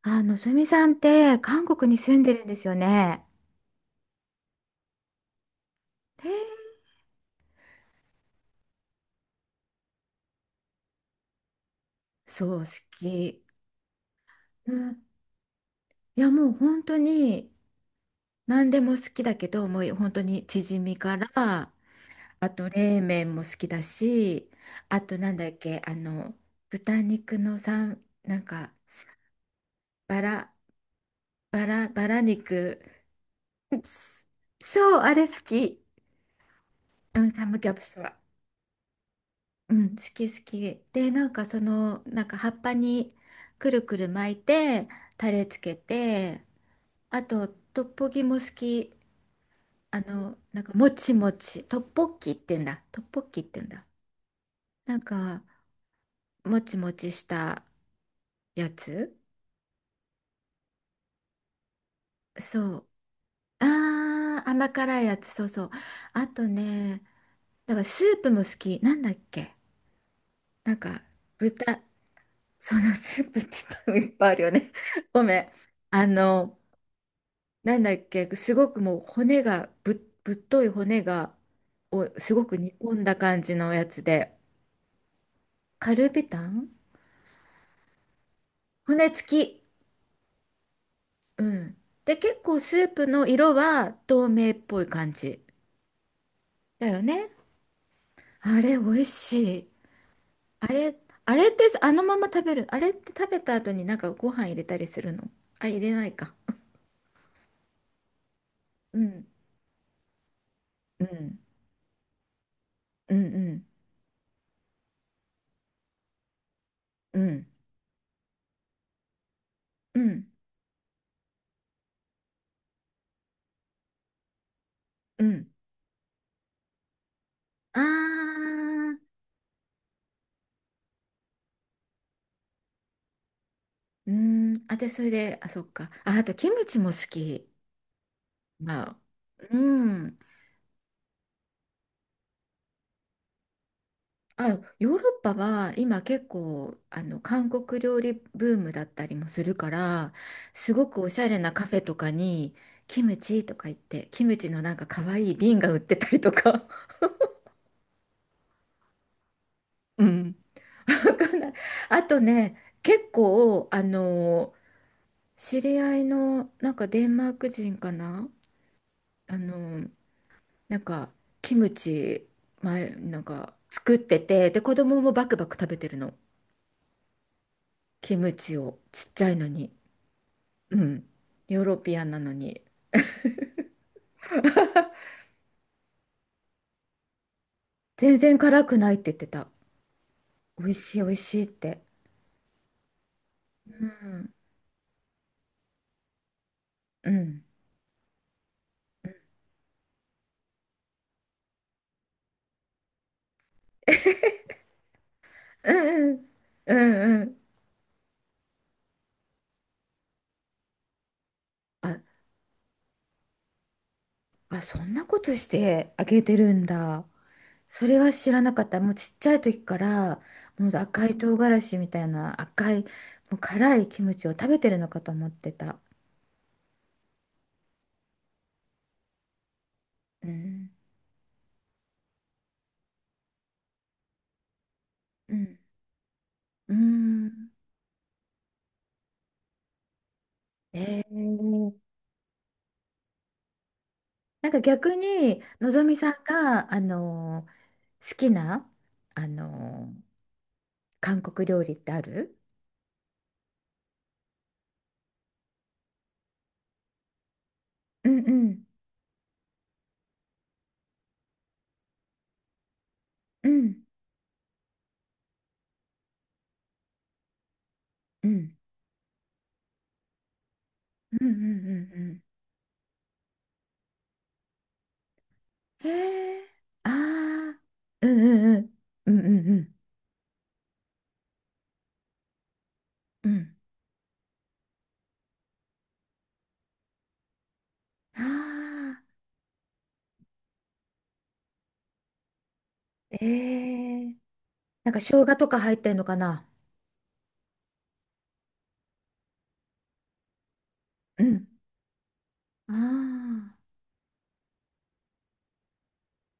あ、のぞみさんって韓国に住んでるんですよね。へえ。そう、好き。うん。いや、もう本当に何でも好きだけど、もう本当にチヂミから、あと冷麺も好きだし、あとなんだっけ、豚肉のさん、バラ、バラ肉。うん。そう、あれ好き。うん、サムギョプサル。うん、好き好き。で、なんかその、なんか葉っぱにくるくる巻いて、タレつけて、あと、トッポギも好き。なんかもちもち、トッポッキって言うんだ。トッポッキって言うんだ。なんか、もちもちしたやつ。そう。あー、甘辛いやつ、そうそう。あとね、だからスープも好き。なんだっけ。なんか、豚、そのスープって言ったらいっぱいあるよね。ごめん。あの、なんだっけ、すごくもう骨がぶ、ぶっとい骨がをすごく煮込んだ感じのやつで、カルビタン。骨付き。うん。で、結構スープの色は透明っぽい感じだよね。あれ、美味しい。あれ、あれってあのまま食べる？あれって食べた後になんかご飯入れたりするの？あ、入れないか。うん。うん。うんうん。うん。うん。うん。あー。うーん、あ、で、それで、あ、そっか。あ、あと、キムチも好き。まあ、うん。あ、ヨーロッパは今結構、韓国料理ブームだったりもするから、すごくおしゃれなカフェとかに、キムチとか言って、キムチのなんか可愛い瓶が売ってたりとか。うん。わかんない。あとね、結構、知り合いの、なんかデンマーク人かな。あの、なんかキムチ前なんか作っててで子供もバクバク食べてるの。キムチをちっちゃいのに。うん。ヨーロピアンなのに。全然辛くないって言ってた。美味しい美味しいって。うんうんうんうんうん。ああ、そんなことしてあげてるんだ。それは知らなかった。もうちっちゃい時からもう赤い唐辛子みたいな赤いもう辛いキムチを食べてるのかと思ってた。うんうん。うーん。えー、なんか逆にのぞみさんが、好きな、あのー韓国料理ってある？うんうんうんうんうんうんうんうん。へえ。ああー。うんうんうんうんうんうん。うん。ああー。えー、なんか生姜とか入ってんのかな。うん。ああ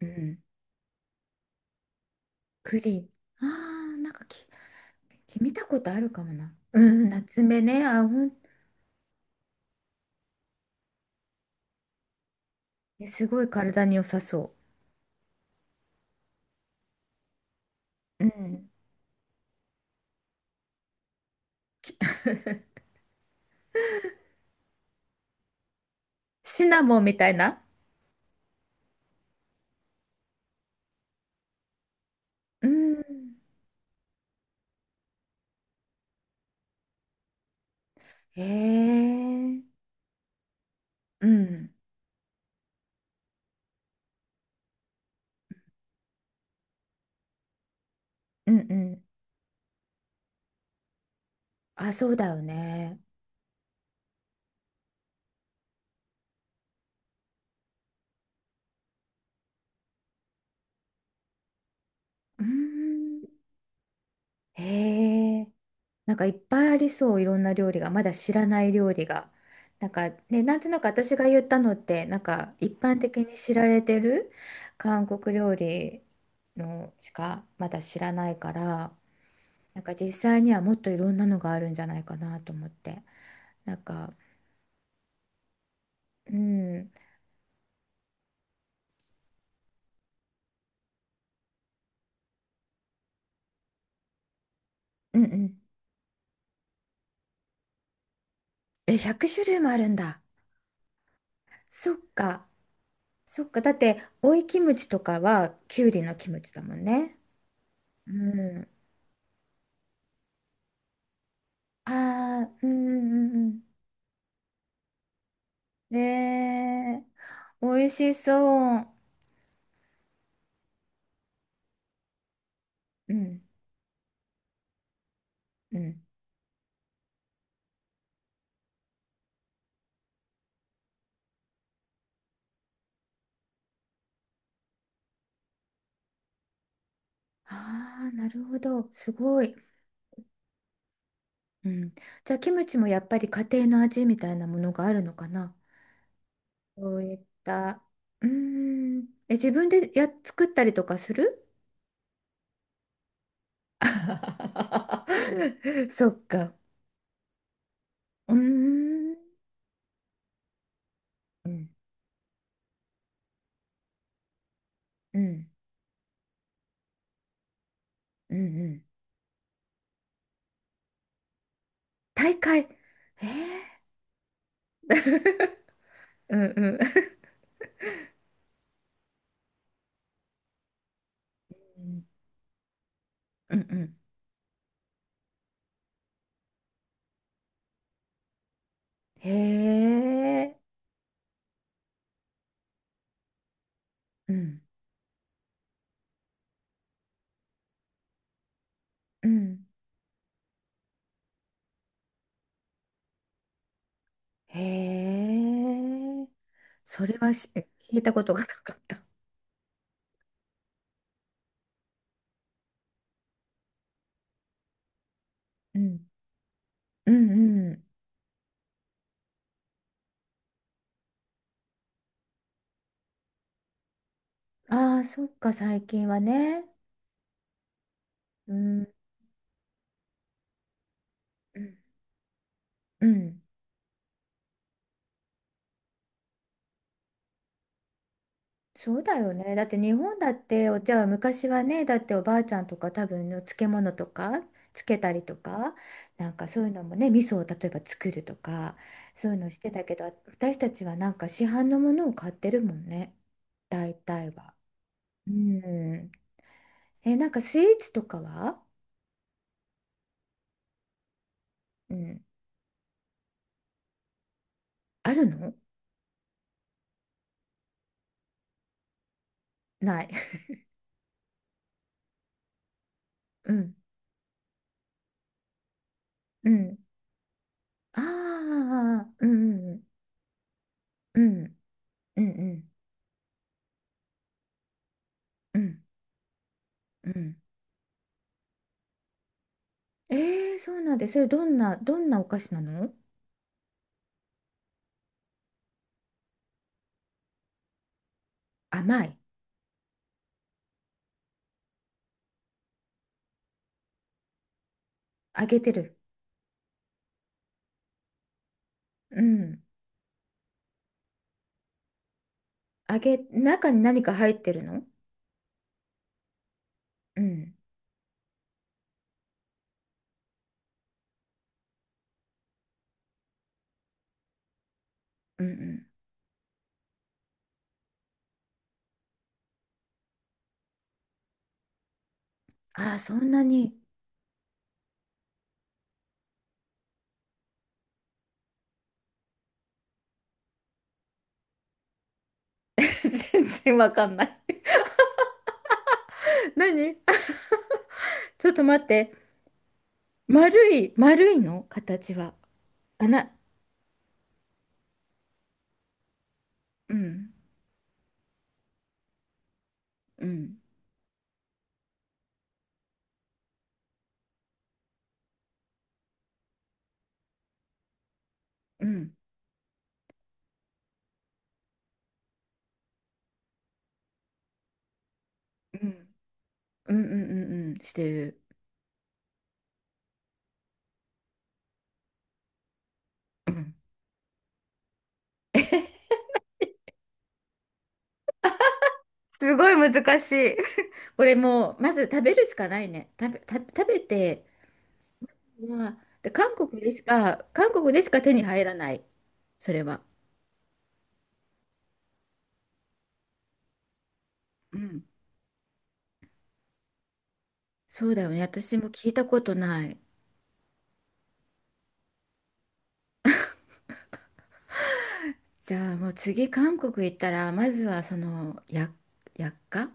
ー。うん。栗。ああー、なんか見たことあるかもな。うん、夏目ね。あ、本。え、すごい体に良さそう。うん。き。シナモンみたいな。うん。へえ。うん。うんうん。あ、そうだよね。うん。へえ。なんかいっぱいありそう、いろんな料理が。まだ知らない料理が。なんかね、なんとなく私が言ったのって、なんか一般的に知られてる韓国料理のしかまだ知らないから、なんか実際にはもっといろんなのがあるんじゃないかなと思って。なんか。うん、うん。うんえ、100種類もあるんだ。そっか、そっか。だって、オイキムチとかはキュウリのキムチだもんね。うん。ああ、うんうんうんうん。ねえ。美味しそう。うん、うん。ああ、なるほど。すごい。うん。じゃあ、キムチもやっぱり家庭の味みたいなものがあるのかな？そういった。うーん。え、自分で作ったりとかする？ そっか。うーん。うん。うん。うんうん。大会。えー、うんうん。うんうんうん。へえ。うんうん。へえ。それは聞いたことがなかった。うん。うんうん。ああ、そっか、最近はね。うん。うん。うん。そうだよね。だって日本だってお茶は昔はね、だっておばあちゃんとか多分の漬物とかつけたりとか、なんかそういうのもね、味噌を例えば作るとか、そういうのしてたけど、私たちはなんか市販のものを買ってるもんね。大体は。うん。え、なんかスイーツとかは。うん。あるの？ない。うん。うん。ああ、うんうんうん。うんうんうん。うんうん。えー、そうなんで、それどんな、どんなお菓子なの？甘い。揚げてる。うん。揚げ、中に何か入ってるの？うん。うんうん。あー、そんなに。全然わかんない。 何あ。ちょっと待って。丸い、丸いの形は。あな、うん、うん、うん、うん、うん、うん、うんうんしてる。うん。すごい難しい。これもう、まず食べるしかないね。食べて、まあ、で、韓国でしか、韓国でしか手に入らない。それは。うん。そうだよね。私も聞いたことない。じゃあもう次韓国行ったら、まずはその、薬価。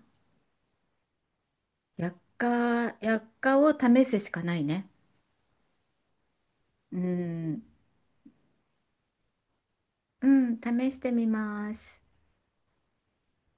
薬価、薬価を試すしかないね。うん。うん、試してみます。